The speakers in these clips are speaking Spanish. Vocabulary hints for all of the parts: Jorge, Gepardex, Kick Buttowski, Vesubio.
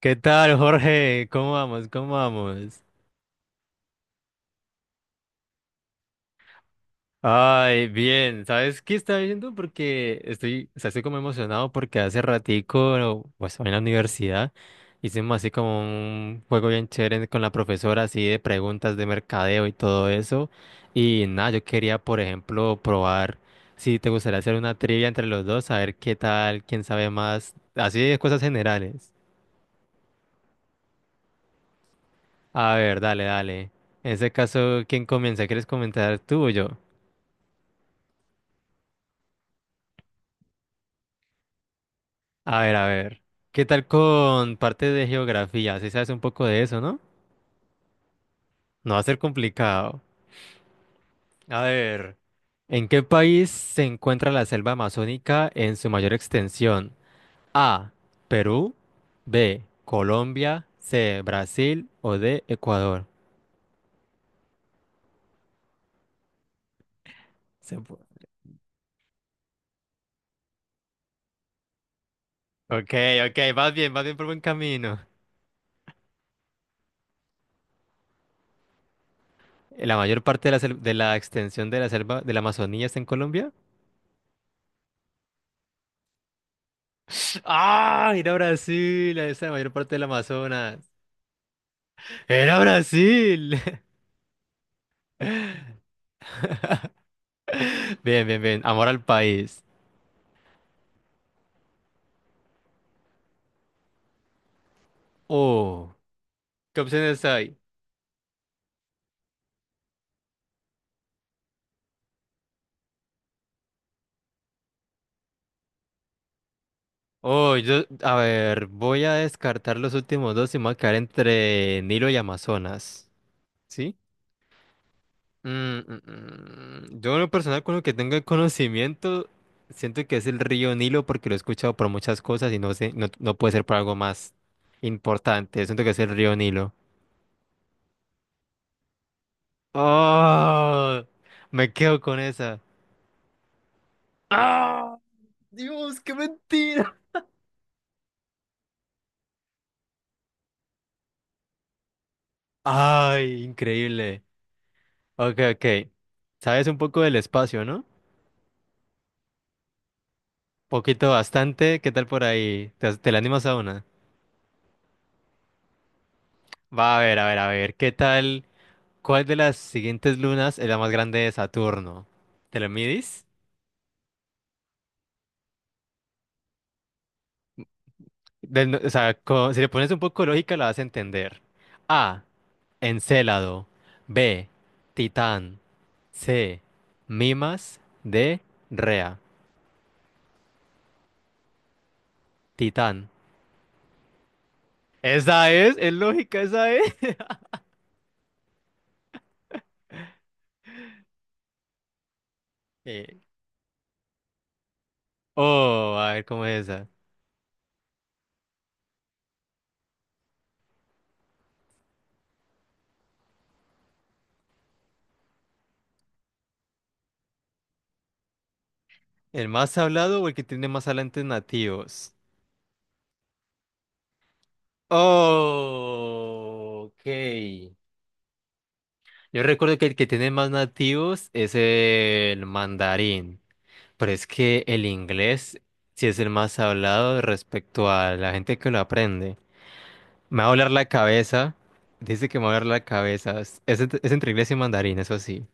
¿Qué tal, Jorge? ¿Cómo vamos? ¿Cómo vamos? Ay, bien. ¿Sabes qué estaba viendo? Porque estoy, o sea, estoy como emocionado porque hace ratico, pues, en la universidad, hicimos así como un juego bien chévere con la profesora, así de preguntas de mercadeo y todo eso. Y nada, yo quería, por ejemplo, probar si te gustaría hacer una trivia entre los dos, a ver qué tal, quién sabe más, así de cosas generales. A ver, dale, dale. En ese caso, ¿quién comienza? ¿Quieres comentar tú o yo? A ver, a ver. ¿Qué tal con parte de geografía? Si sabes un poco de eso, ¿no? No va a ser complicado. A ver. ¿En qué país se encuentra la selva amazónica en su mayor extensión? A. Perú. B. Colombia. C. Brasil. O D. Ecuador. Se pu- Ok, ok, vas bien por buen camino. ¿La mayor parte de de la extensión de la selva de la Amazonía está en Colombia? ¡Ah! Mira Brasil, ahí está la mayor parte del Amazonas. Era Brasil. Bien, bien, bien. Amor al país. Oh, ¿qué opciones hay? Oh, yo, a ver, voy a descartar los últimos dos y me voy a quedar entre Nilo y Amazonas. ¿Sí? Mm, mm, mm. Yo en lo personal con lo que tengo el conocimiento, siento que es el río Nilo porque lo he escuchado por muchas cosas y no sé, no, no puede ser por algo más importante. Siento que es el río Nilo. Oh, me quedo con esa. ¡Ah! Dios, qué mentira. Ay, increíble. Ok, ok. Sabes un poco del espacio, ¿no? Poquito, bastante. ¿Qué tal por ahí? ¿Te la animas a una? Va a ver, a ver, a ver. ¿Qué tal? ¿Cuál de las siguientes lunas es la más grande de Saturno? ¿Te lo midis? Del no- o sea, co- Si le pones un poco de lógica, la vas a entender. A. Encélado. B. Titán. C. Mimas. D. Rea. Titán. Esa es lógica, esa es. Oh, a ver cómo es esa. ¿El más hablado o el que tiene más hablantes nativos? Oh, ok. Yo recuerdo que el que tiene más nativos es el mandarín, pero es que el inglés sí es el más hablado respecto a la gente que lo aprende. Me va a doler la cabeza. Dice que me va a doler la cabeza. Es, es entre inglés y mandarín, eso sí.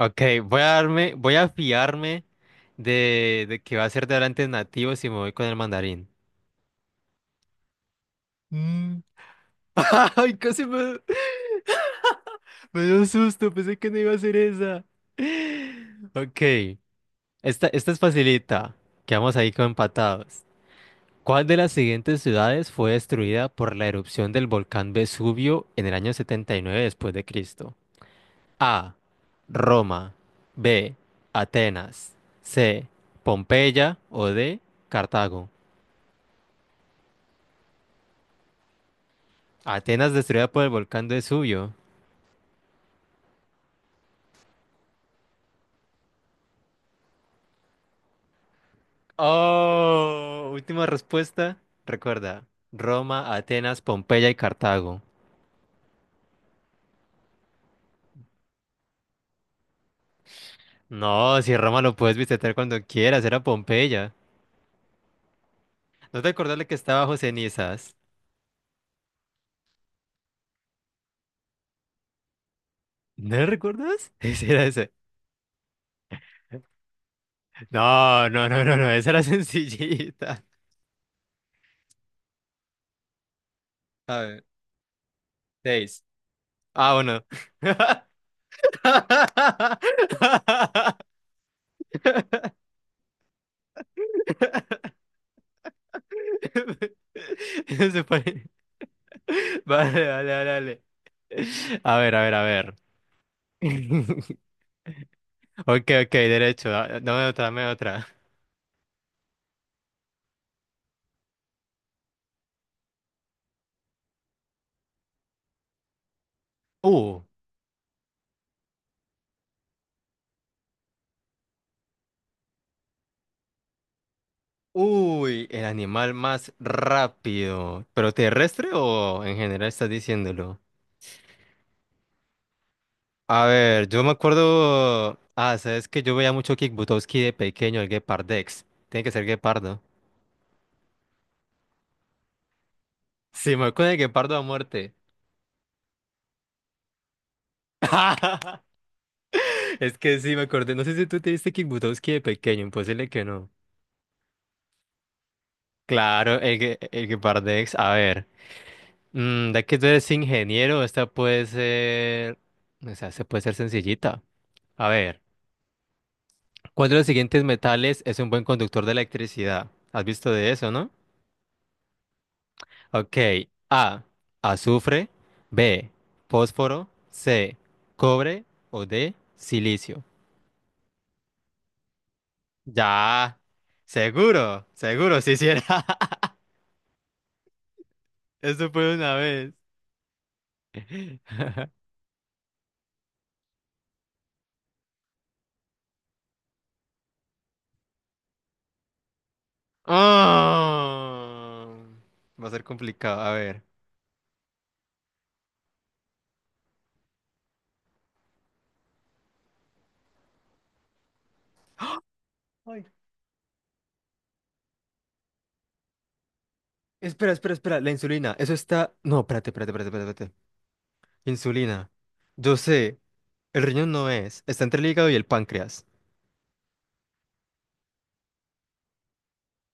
Ok, voy a fiarme de que va a ser de hablantes nativos y me voy con el mandarín. Mm. Ay, casi me, me dio susto, pensé que no iba a ser esa. Ok, esta es facilita. Quedamos ahí como empatados. ¿Cuál de las siguientes ciudades fue destruida por la erupción del volcán Vesubio en el año 79 después de Cristo? A. Roma. B. Atenas. C. Pompeya o D. Cartago. Atenas destruida por el volcán Vesubio. Oh, última respuesta. Recuerda, Roma, Atenas, Pompeya y Cartago. No, si Roma lo puedes visitar cuando quieras, era Pompeya. ¿No te acordás de que estaba bajo cenizas? ¿No recuerdas? Ese era ese. No, no, no, no, no, esa era sencillita. A ver, seis. Ah, bueno. Se pare- Vale, vale, vale, vale. A ver, a ver, a ver. Ok, ok, derecho. Dame otra, dame otra. Uh, uy, el animal más rápido. ¿Pero terrestre o en general estás diciéndolo? A ver, yo me acuerdo. Ah, sabes que yo veía mucho Kick Buttowski de pequeño, el Gepardex. Tiene que ser guepardo. Sí, me acuerdo de guepardo a muerte. Es que sí, me acordé. No sé si tú te viste Kick Buttowski de pequeño, imposible que no. Claro, el que Pardex, a ver. Mm, de que tú eres ingeniero, esta puede ser. O sea, se puede ser sencillita. A ver, ¿cuál de los siguientes metales es un buen conductor de electricidad? ¿Has visto de eso, no? Ok. A. Azufre. B. Fósforo. C. Cobre. O D. Silicio. Ya. Seguro, seguro, si hiciera. Eso fue una vez. Ah, va a ser complicado. A ver. Ay. Espera, espera, espera. La insulina. Eso está. No, espérate, espérate, espérate, espérate, espérate. Insulina. Yo sé. El riñón no es. Está entre el hígado y el páncreas.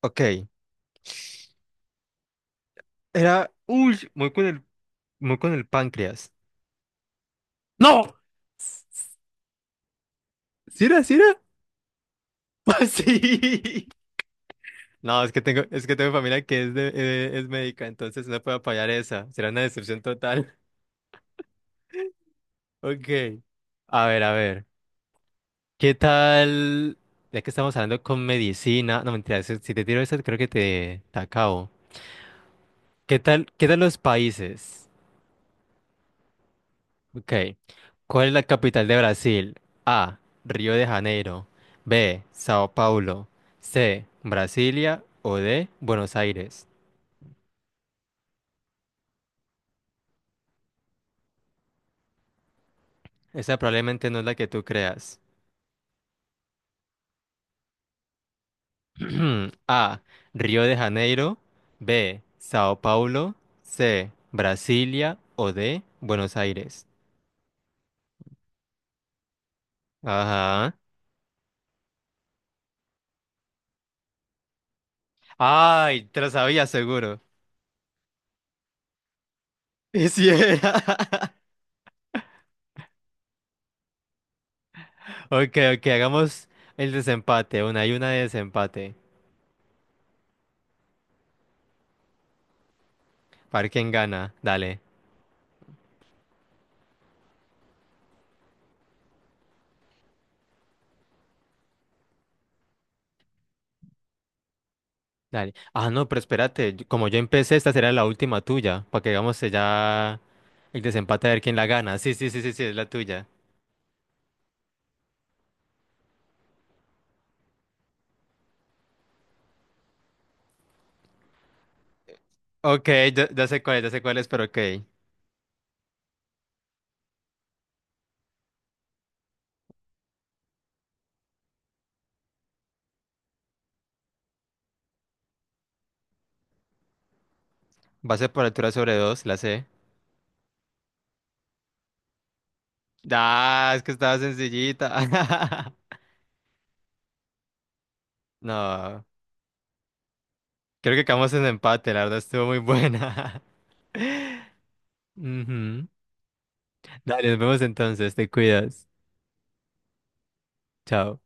Ok. Era. Uy, muy con el. Muy con el páncreas. ¡No! ¿Sí era? ¿Sí era? Sí. No, es que tengo familia que es de, es médica, entonces no puedo apoyar esa. Será una decepción total. Ok. A ver, a ver. ¿Qué tal? Ya que estamos hablando con medicina, no mentira, si te tiro eso creo que te acabo. ¿Qué tal? ¿Qué tal los países? Ok. ¿Cuál es la capital de Brasil? A. Río de Janeiro. B. Sao Paulo. C. Brasilia. O D. Buenos Aires. Esa probablemente no es la que tú creas. A. Río de Janeiro. B. Sao Paulo. C. Brasilia. O D. Buenos Aires. Ajá. Ay, te lo sabía seguro. Y sí era. Ok, ok, hagamos el desempate. Una y una de desempate. Para ver quién gana. Dale, dale. Ah, no, pero espérate. Como yo empecé, esta será la última tuya. Para que hagamos ya el desempate a ver quién la gana. Sí, sí, sí, sí, sí, es la tuya. Ok, ya, ya sé cuál es, ya sé cuál es, pero ok. Base por altura sobre dos, la sé. Ah, es que estaba sencillita. No, creo que quedamos en empate. La verdad estuvo muy buena. Ujú. Dale, nos vemos entonces, te cuidas. Chao.